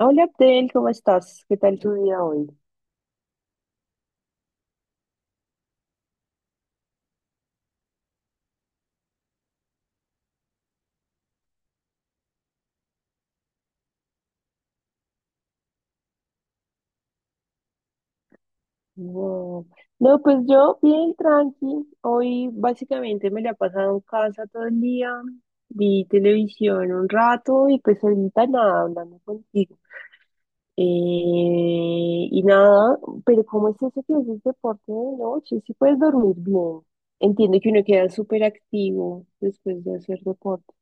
Hola Abdel, ¿cómo estás? ¿Qué tal tu día hoy? Wow. No, pues yo bien tranqui. Hoy básicamente me la he pasado en casa todo el día. Vi televisión un rato y pues ahorita nada, hablando contigo. Eh, y nada, pero ¿cómo es eso que haces deporte de noche? Si puedes dormir bien. Entiendo que uno queda súper activo después de hacer deporte.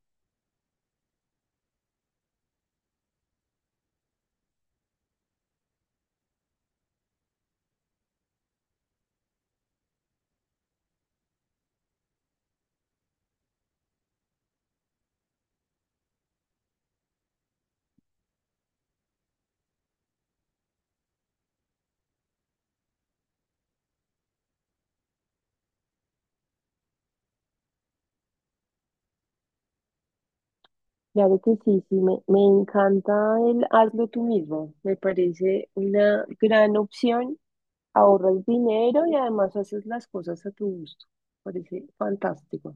Claro que sí, sí, me encanta el hazlo tú mismo. Me parece una gran opción. Ahorras dinero y además haces las cosas a tu gusto. Parece fantástico.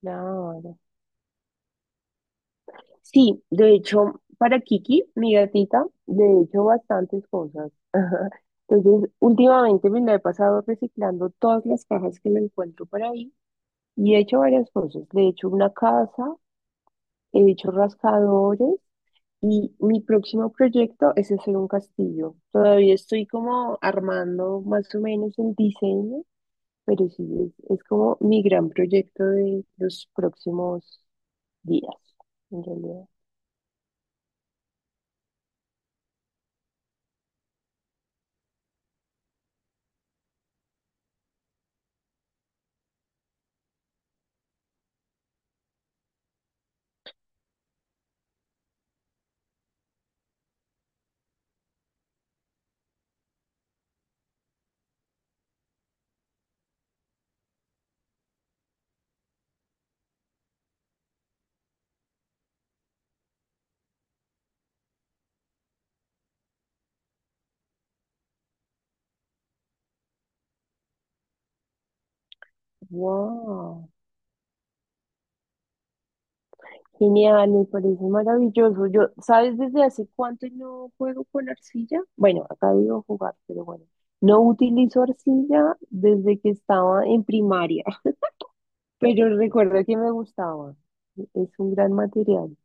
Claro. Sí, de hecho, para Kiki, mi gatita, le he hecho bastantes cosas. Entonces, últimamente me la he pasado reciclando todas las cajas que me encuentro por ahí y he hecho varias cosas. Le he hecho una casa, he dicho rascadores y mi próximo proyecto es hacer un castillo. Todavía estoy como armando más o menos el diseño, pero sí, es como mi gran proyecto de los próximos días, en realidad. ¡Wow! Genial, me parece maravilloso. Yo, ¿sabes desde hace cuánto no juego con arcilla? Bueno, acá digo jugar, pero bueno. No utilizo arcilla desde que estaba en primaria. Pero recuerdo que me gustaba. Es un gran material.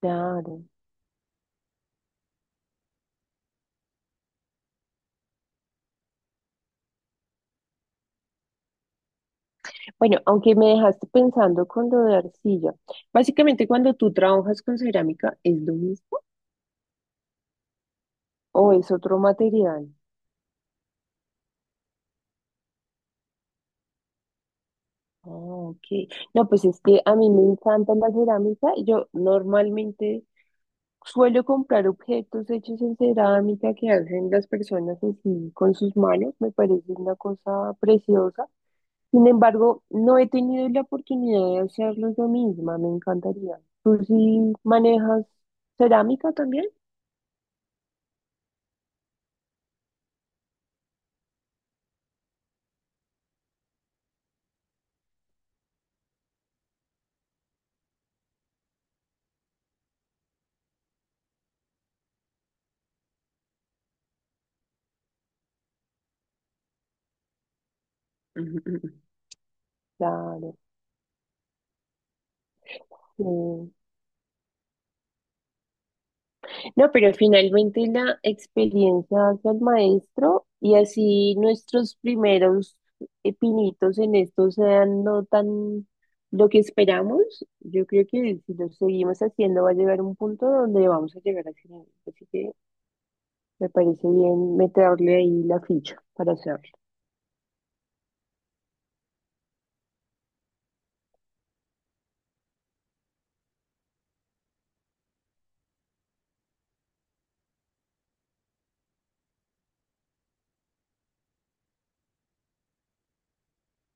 Claro. Bueno, aunque me dejaste pensando con lo de arcilla. Básicamente, cuando tú trabajas con cerámica, ¿es lo mismo o es otro material? Ah, ok. No, pues es que a mí me encanta la cerámica. Yo normalmente suelo comprar objetos hechos en cerámica que hacen las personas así con sus manos. Me parece una cosa preciosa. Sin embargo, no he tenido la oportunidad de hacerlo yo misma, me encantaría. ¿Tú sí manejas cerámica también? Ujú, ujú. Claro. Sí. No, pero finalmente la experiencia hace el maestro y así nuestros primeros pinitos en esto sean no tan lo que esperamos. Yo creo que si lo seguimos haciendo va a llegar un punto donde vamos a llegar al final. Así que me parece bien meterle ahí la ficha para hacerlo.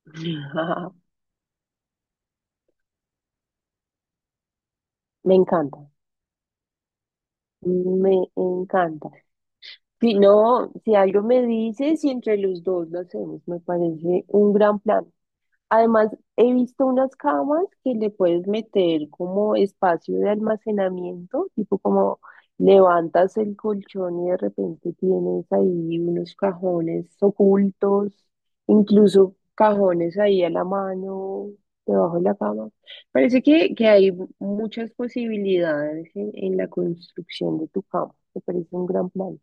Ajá. Me encanta, me encanta. Si no, si algo me dices y entre los dos lo hacemos, me parece un gran plan. Además, he visto unas camas que le puedes meter como espacio de almacenamiento, tipo como levantas el colchón y de repente tienes ahí unos cajones ocultos, incluso cajones ahí a la mano, debajo de la cama. Parece que hay muchas posibilidades en la construcción de tu cama. Me parece un gran plan.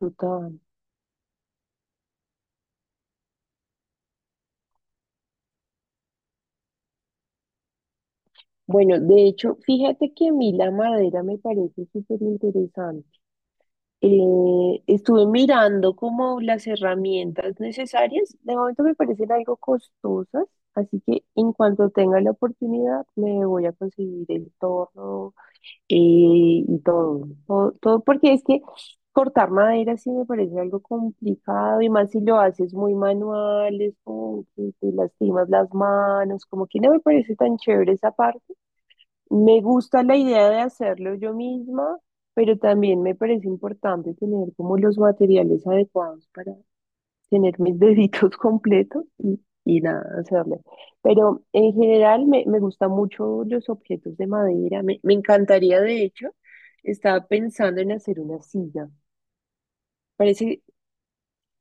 Total. Bueno, de hecho, fíjate que a mí la madera me parece súper interesante. Estuve mirando como las herramientas necesarias. De momento me parecen algo costosas, así que en cuanto tenga la oportunidad me voy a conseguir el torno eh, y todo, todo, todo, porque es que cortar madera sí me parece algo complicado y más si lo haces muy manual, es como que te lastimas las manos, como que no me parece tan chévere esa parte. Me gusta la idea de hacerlo yo misma, pero también me parece importante tener como los materiales adecuados para tener mis deditos completos y nada, hacerle. Pero en general me gustan mucho los objetos de madera. Me encantaría, de hecho, estaba pensando en hacer una silla. Parece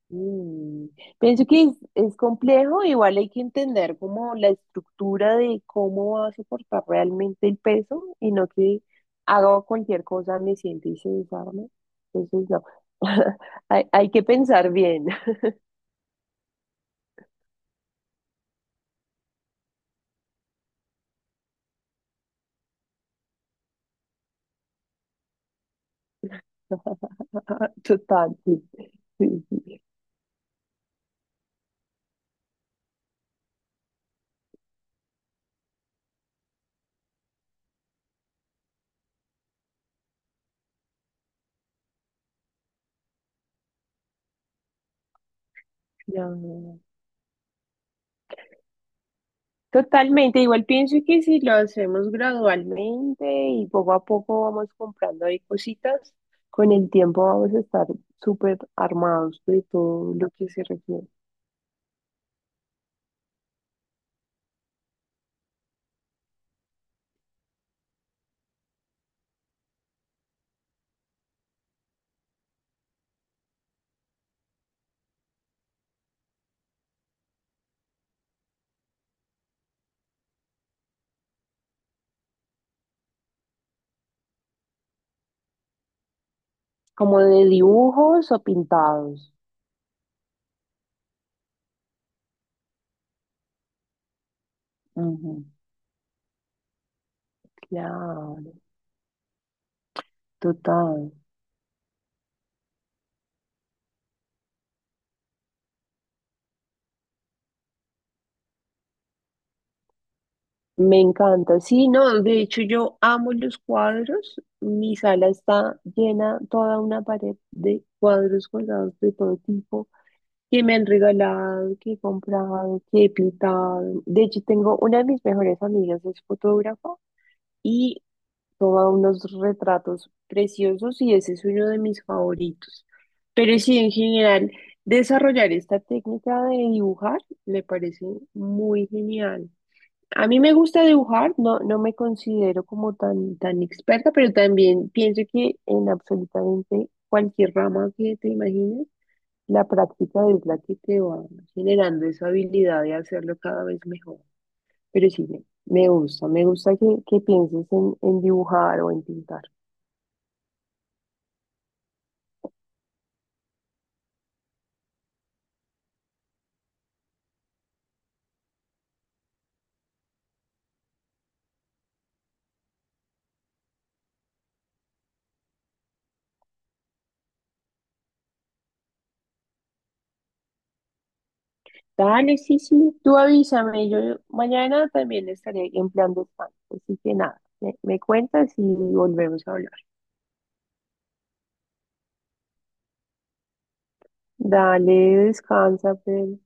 Mm, pienso que es complejo, igual hay que entender como la estructura de cómo va a soportar realmente el peso y no que haga cualquier cosa, me siente y se desarme. Entonces, no, hay que pensar bien, total. Sí, sí, sí. Sí. No, no, no. Totalmente, igual pienso que si lo hacemos gradualmente y poco a poco vamos comprando ahí cositas, con el tiempo vamos a estar súper armados de todo lo que se requiere, como de dibujos o pintados. Ujú, claro, total. Me encanta. Sí, no, de hecho yo amo los cuadros. Mi sala está llena, toda una pared de cuadros colgados de todo tipo. Que me han regalado, que he comprado, que he pintado. De hecho, tengo una de mis mejores amigas, es fotógrafa y toma unos retratos preciosos y ese es uno de mis favoritos. Pero sí, en general, desarrollar esta técnica de dibujar me parece muy genial. A mí me gusta dibujar, no, no me considero como tan, tan experta, pero también pienso que en absolutamente cualquier rama que te imagines la práctica es la que te va generando esa habilidad de hacerlo cada vez mejor. Pero sí, me gusta, me gusta que pienses en dibujar o en pintar. Dale, sí, sí, tú avísame, yo mañana también estaré en plan de España. Así que nada, me cuentas y volvemos a hablar. Dale, descansa, pero.